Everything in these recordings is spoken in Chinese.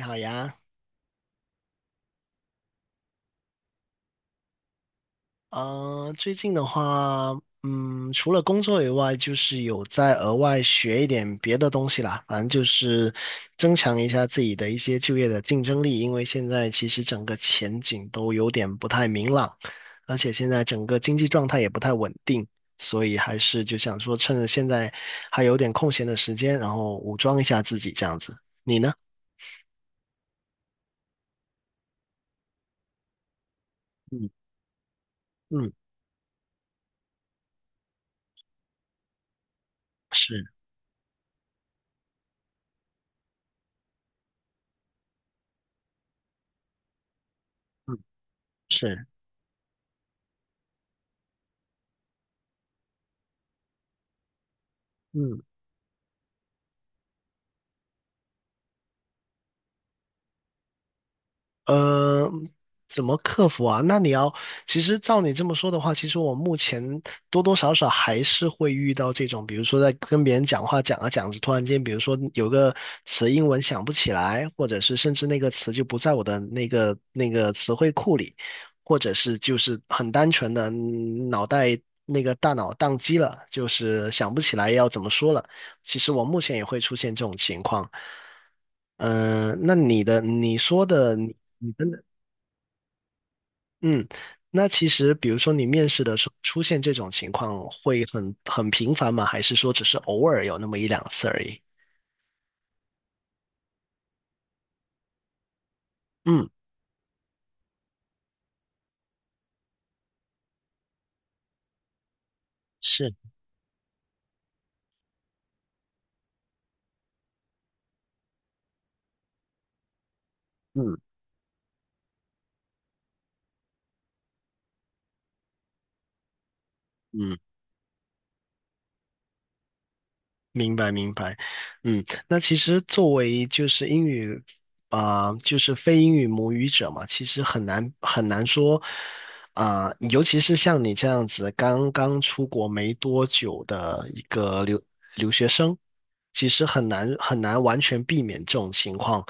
你好呀，最近的话，除了工作以外，就是有在额外学一点别的东西啦，反正就是增强一下自己的一些就业的竞争力，因为现在其实整个前景都有点不太明朗，而且现在整个经济状态也不太稳定，所以还是就想说趁着现在还有点空闲的时间，然后武装一下自己这样子。你呢？嗯嗯，是，嗯是，嗯。呃，怎么克服啊？那你要，其实照你这么说的话，其实我目前多多少少还是会遇到这种，比如说在跟别人讲话讲啊讲着，突然间，比如说有个词英文想不起来，或者是甚至那个词就不在我的那个词汇库里，或者是就是很单纯的脑袋那个大脑宕机了，就是想不起来要怎么说了。其实我目前也会出现这种情况。嗯，那你的你说的，嗯，那其实比如说你面试的时候出现这种情况会很频繁吗？还是说只是偶尔有那么一两次而已？嗯，是，嗯嗯，明白明白，嗯，那其实作为就是英语就是非英语母语者嘛，其实很难很难说尤其是像你这样子刚刚出国没多久的一个留其实很难很难完全避免这种情况，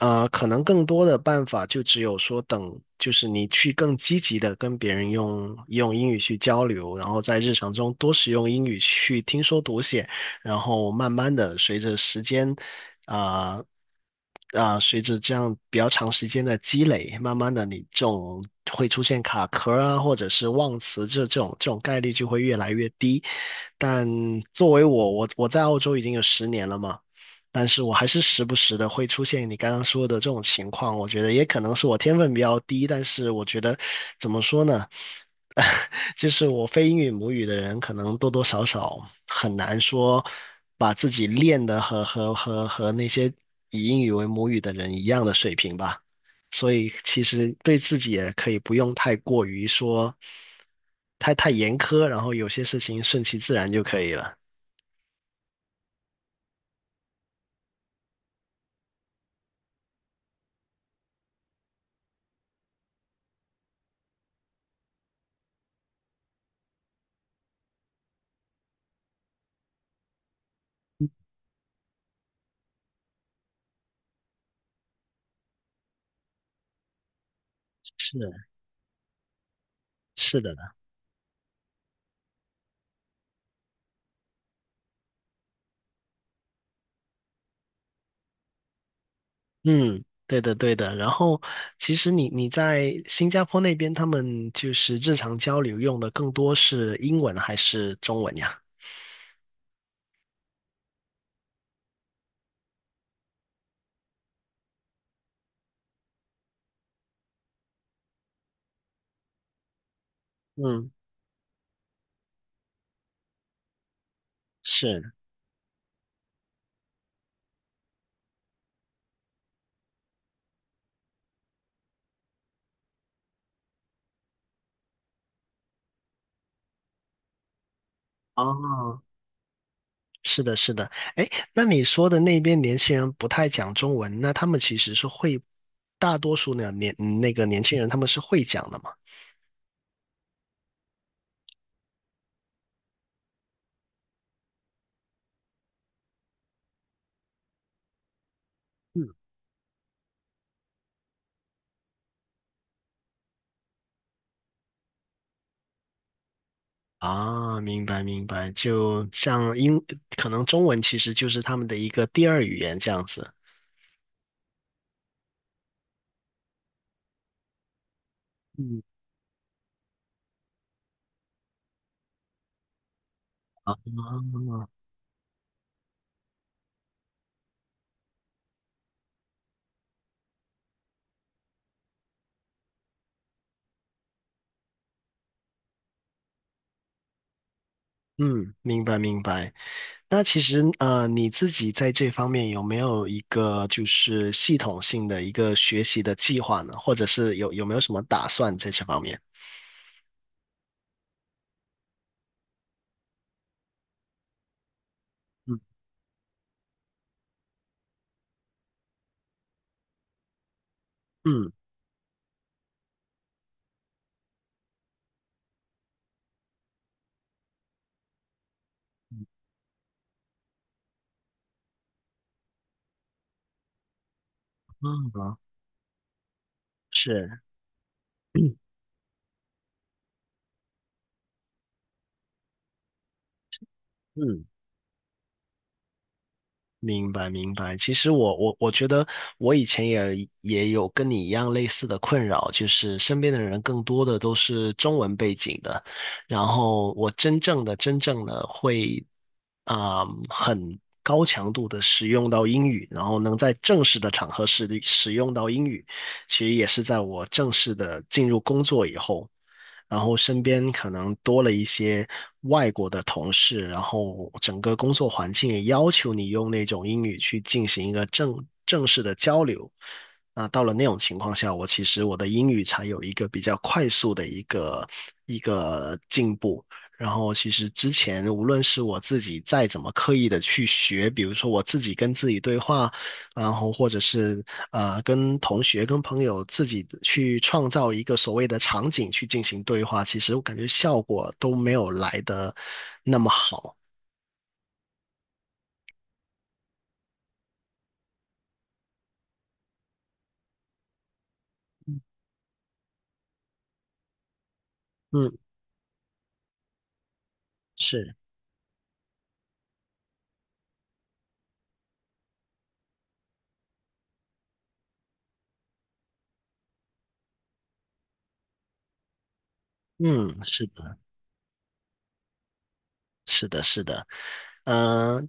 可能更多的办法就只有说等，就是你去更积极的跟别人用英语去交流，然后在日常中多使用英语去听说读写，然后慢慢的随着时间。啊随着这样比较长时间的积累，慢慢的你这种会出现卡壳啊，或者是忘词这种概率就会越来越低。但作为我，我在澳洲已经有10年了嘛，但是我还是时不时的会出现你刚刚说的这种情况。我觉得也可能是我天分比较低，但是我觉得怎么说呢？就是我非英语母语的人，可能多多少少很难说把自己练的和那些以英语为母语的人一样的水平吧。所以其实对自己也可以不用太过于说太严苛，然后有些事情顺其自然就可以了。是是的，嗯，对的对的。然后其实你在新加坡那边，他们就是日常交流用的更多是英文还是中文呀？嗯。是，哦，是的，是的。哎，那你说的那边年轻人不太讲中文，那他们其实是会，大多数呢那个年轻人他们是会讲的嘛？嗯，啊，明白明白，就像英，可能中文其实就是他们的一个第二语言这样子。嗯，啊，嗯，明白明白。那其实你自己在这方面有没有一个就是系统性的一个学习的计划呢？或者是有没有什么打算在这方面？嗯嗯嗯，好是，嗯嗯。明白，明白。其实我觉得我以前也有跟你一样类似的困扰，就是身边的人更多的都是中文背景的，然后我真正的会啊、很高强度的使用到英语，然后能在正式的场合使用到英语，其实也是在我正式的进入工作以后。然后身边可能多了一些外国的同事，然后整个工作环境也要求你用那种英语去进行一个正式的交流。那到了那种情况下，我其实我的英语才有一个比较快速的一个进步。然后其实之前无论是我自己再怎么刻意的去学，比如说我自己跟自己对话，然后或者是跟同学、跟朋友自己去创造一个所谓的场景去进行对话，其实我感觉效果都没有来的那么好。嗯，是，嗯，是的。是的，是的，嗯、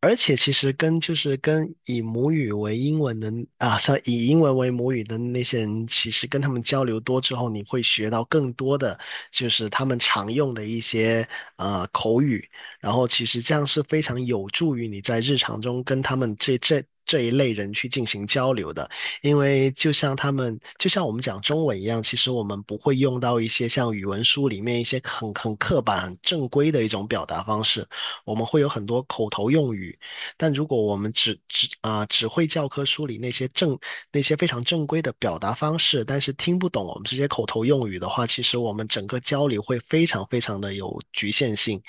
而且其实跟就是跟以母语为英文的啊，像以英文为母语的那些人，其实跟他们交流多之后，你会学到更多的就是他们常用的一些口语，然后其实这样是非常有助于你在日常中跟他们这一类人去进行交流的。因为就像他们，就像我们讲中文一样，其实我们不会用到一些像语文书里面一些很刻板、很正规的一种表达方式，我们会有很多口头用语。但如果我们只会教科书里那些非常正规的表达方式，但是听不懂我们这些口头用语的话，其实我们整个交流会非常非常的有局限性。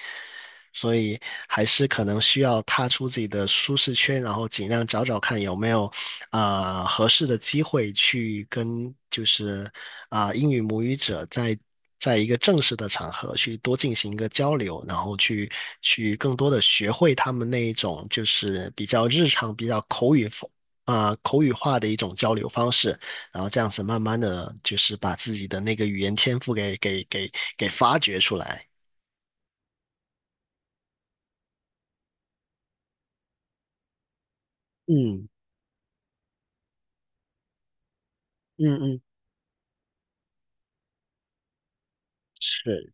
所以还是可能需要踏出自己的舒适圈，然后尽量找找看有没有合适的机会去跟就是英语母语者在在一个正式的场合去多进行一个交流，然后去更多的学会他们那一种就是比较日常、比较口语口语化的一种交流方式，然后这样子慢慢的就是把自己的那个语言天赋给发掘出来。嗯嗯嗯，是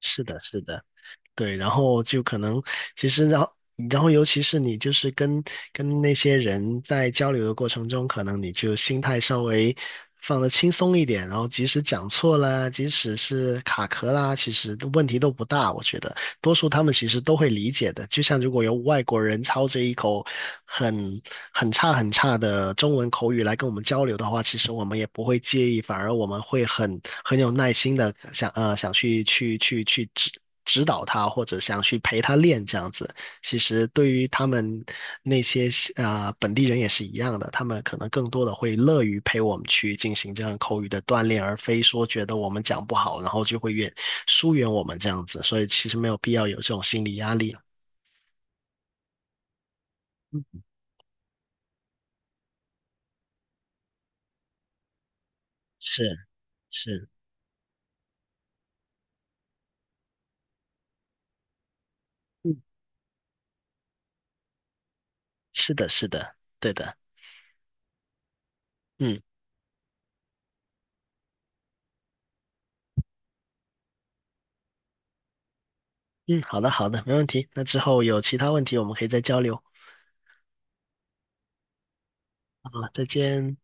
是的，是的。对，然后就可能其实然后然后尤其是你就是跟那些人在交流的过程中，可能你就心态稍微放得轻松一点，然后即使讲错了，即使是卡壳啦，其实问题都不大，我觉得。多数他们其实都会理解的。就像如果有外国人操着一口很很差很差的中文口语来跟我们交流的话，其实我们也不会介意，反而我们会很有耐心的想想去指导他，或者想去陪他练这样子。其实对于他们那些本地人也是一样的，他们可能更多的会乐于陪我们去进行这样口语的锻炼，而非说觉得我们讲不好，然后就会疏远我们这样子。所以其实没有必要有这种心理压力啊。是是，嗯，是的，是的，对的，嗯嗯，好的好的，没问题。那之后有其他问题我们可以再交流。好，再见。